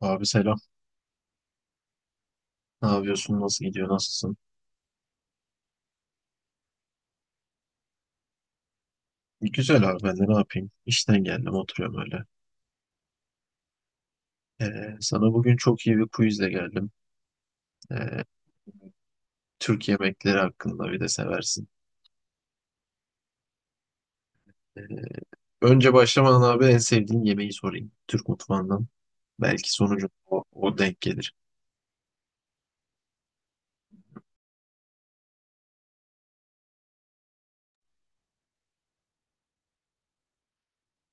Abi selam. Ne yapıyorsun? Nasıl gidiyor? Nasılsın? Güzel abi, ben de ne yapayım? İşten geldim, oturuyorum öyle. Sana bugün çok iyi bir quizle geldim. Ee, Türk yemekleri hakkında bir de seversin. Ee, Önce başlamadan abi, en sevdiğin yemeği sorayım. Türk mutfağından. Belki sonucu o denk gelir.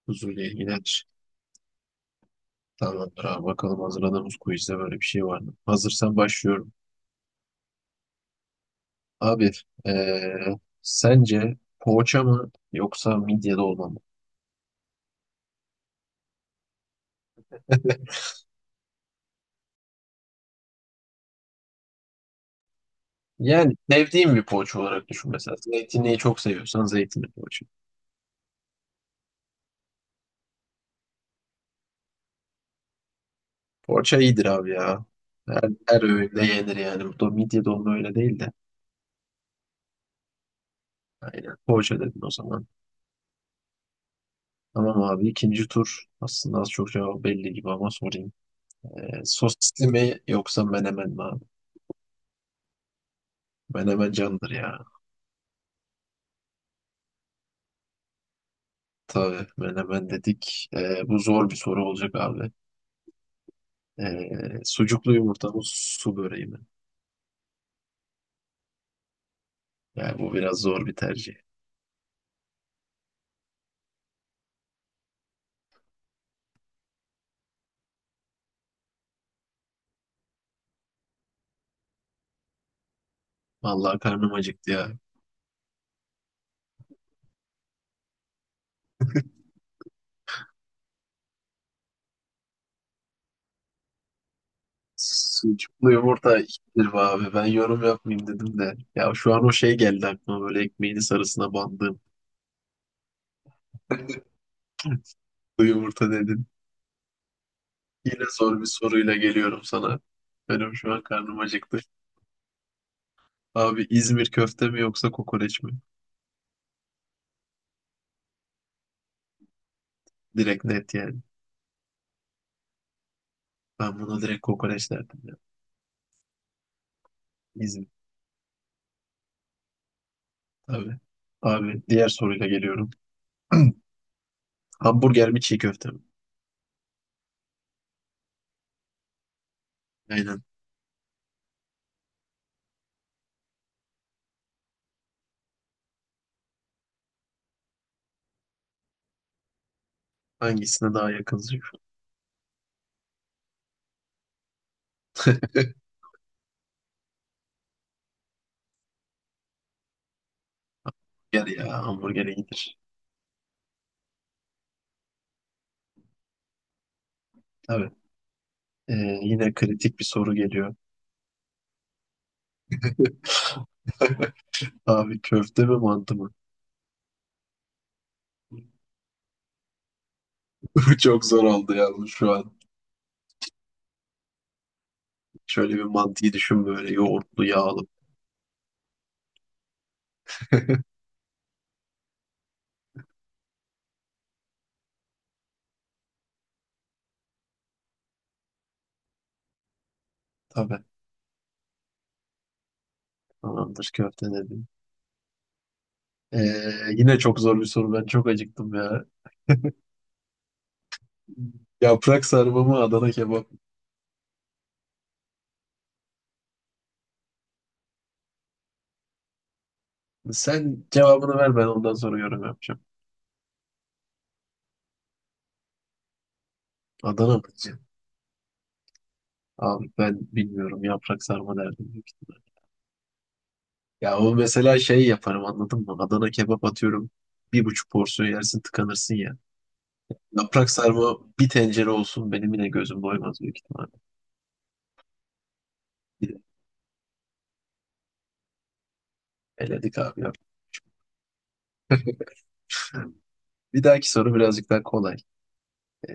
Huzurlu ilgilenir. Tamamdır abi, bakalım hazırladığımız quizde böyle bir şey var mı? Hazırsan başlıyorum. Abi, ee, sence poğaça mı yoksa midye dolma mı? Yani sevdiğim bir poğaça olarak düşün mesela. Zeytinliği çok seviyorsan zeytinli poğaça. Poğaça iyidir abi ya. Her, her öğünde yenir yani. Bu da midye dolma öyle değil de. Aynen. Poğaça dedin o zaman. Tamam abi, ikinci tur. Aslında az çok cevabı belli gibi ama sorayım. Sosisli mi yoksa menemen mi abi? Menemen candır ya. Tabii, menemen dedik. Bu zor bir soru olacak abi. Ee, Sucuklu yumurta mı su böreği mi? Yani bu biraz zor bir tercih. Vallahi karnım acıktı ya. Sucuklu yumurta iyidir be abi. Ben yorum yapmayayım dedim de. Ya şu an o şey geldi aklıma, böyle ekmeğini sarısına bandığım. Sucuklu yumurta dedin. Yine zor bir soruyla geliyorum sana. Benim şu an karnım acıktı. Abi, İzmir köfte mi yoksa kokoreç mi? Direkt net yani. Ben buna direkt kokoreç derdim ya. İzmir tabii. Abi diğer soruyla geliyorum. Hamburger mi çiğ köfte mi? Aynen. Hangisine daha yakınsın? Gel ya, hamburger iyidir. Tabii. Ee, Yine kritik bir soru geliyor. Abi, köfte mi mantı mı? Çok zor oldu yalnız şu an. Şöyle bir mantıyı düşün, böyle yoğurtlu yağlı. Tabii. Tamamdır, köfte dedim. Ee, Yine çok zor bir soru. Ben çok acıktım ya. Yaprak sarma mı Adana kebap mı? Sen cevabını ver, ben ondan sonra yorum yapacağım. Adana mı diyeceğim? Abi ben bilmiyorum, yaprak sarma derdim büyük ihtimal. Ya o mesela şey yaparım, anladın mı? Adana kebap atıyorum. Bir buçuk porsiyon yersin, tıkanırsın ya. Yaprak sarma bir tencere olsun, benim yine gözüm doymaz büyük ihtimalle. Bir de eledik abi ya. Bir dahaki soru birazcık daha kolay. Ee,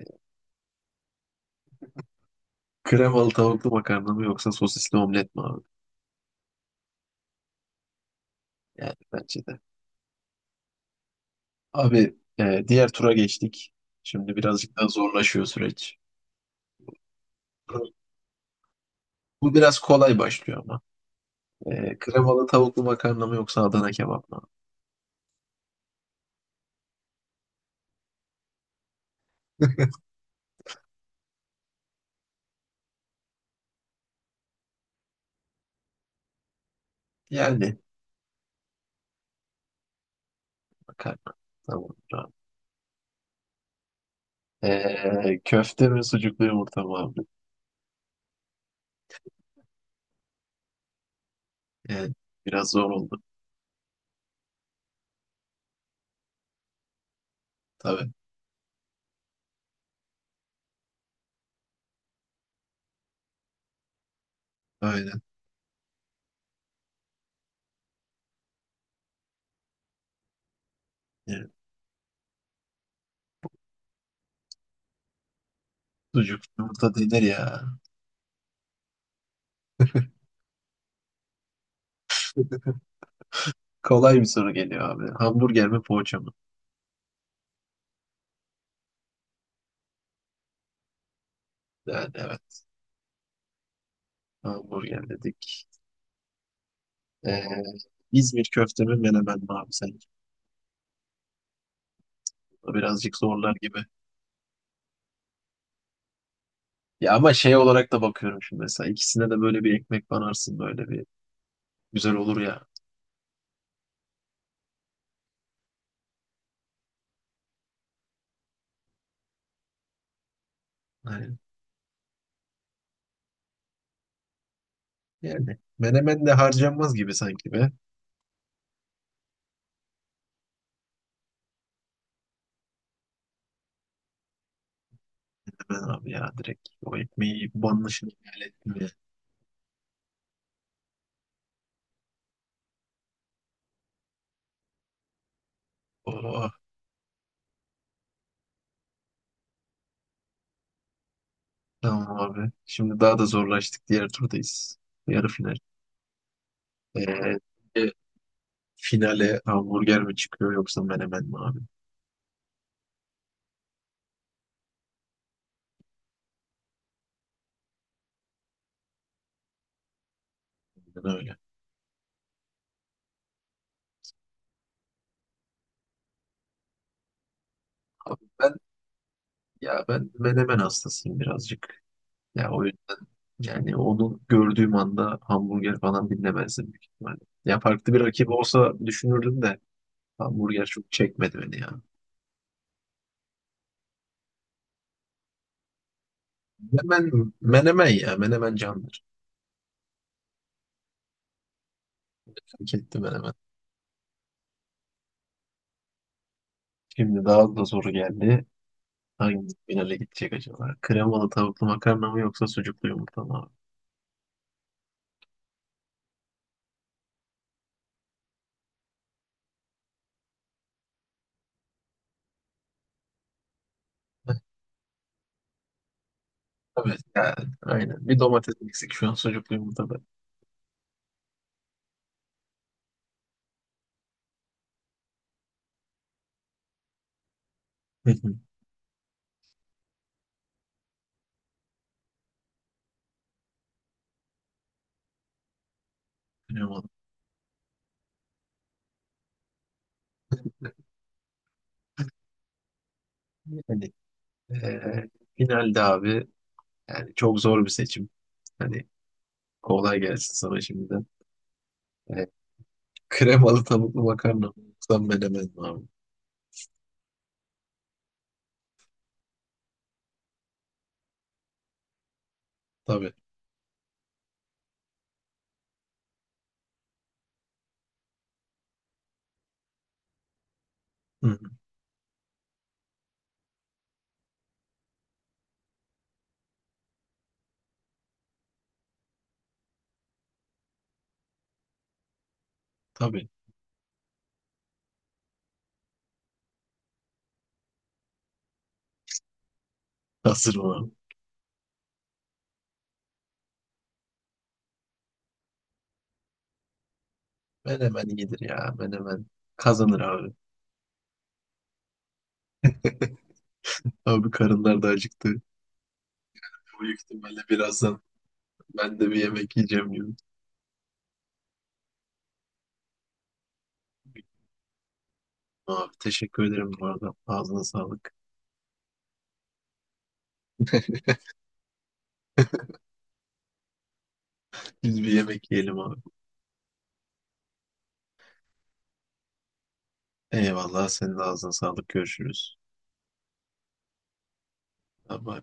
Kremalı tavuklu makarna mı yoksa sosisli omlet mi abi? Yani bence de. Abi diğer tura geçtik. Şimdi birazcık daha zorlaşıyor süreç. Bu biraz kolay başlıyor ama. Kremalı tavuklu makarna mı yoksa Adana kebap mı? Yani makarna. Tamam, tamam. Köfte mi sucuklu yumurta mı abi? Yani biraz zor oldu. Tabii. Aynen. Yani sucuk yumurta denir ya. Kolay bir soru geliyor abi. Hamburger mi poğaça mı? Yani evet. Hamburger dedik. Ee, İzmir köfte mi menemen mi abi sen? Bu birazcık zorlar gibi. Ya ama şey olarak da bakıyorum şimdi mesela. İkisine de böyle bir ekmek banarsın böyle bir. Güzel olur ya. Hani, yani menemen de harcanmaz gibi sanki be. Hemen abi ya, direkt o ekmeği banmışını hayal ettim ya. Oh, tamam abi. Şimdi daha da zorlaştık. Diğer turdayız. Yarı final. Ee, Finale hamburger mi çıkıyor yoksa menemen mi abi? Aynen öyle. Abi ben, ya ben menemen hastasıyım birazcık. Ya o yüzden yani onu gördüğüm anda hamburger falan dinlemezdim büyük ihtimalle. Ya farklı bir rakip olsa düşünürdüm de hamburger çok çekmedi beni ya. Menemen ya, menemen candır. Hak etti menemen. Şimdi daha da soru geldi. Hangi finale gidecek acaba? Kremalı tavuklu makarna mı yoksa sucuklu yumurta mı abi? Heh, evet yani, aynen. Bir domates eksik şu an sucuklu yumurta. Hı hı, kremalı. Hani, eee, finalde abi yani çok zor bir seçim. Hani kolay gelsin sana şimdiden. Eee, Kremalı tavuklu makarna mı yoksa menemen mi abi? Tabii. Hı hı, tabii. Hazır mı abi? Menemen iyidir ya. Menemen kazanır abi. Abi karınlar da acıktı. Büyük ihtimalle birazdan ben de bir yemek yiyeceğim gibi. Abi teşekkür ederim bu arada. Ağzına sağlık. Biz bir yemek yiyelim abi. Eyvallah, senin de ağzına sağlık. Görüşürüz. Bye bye.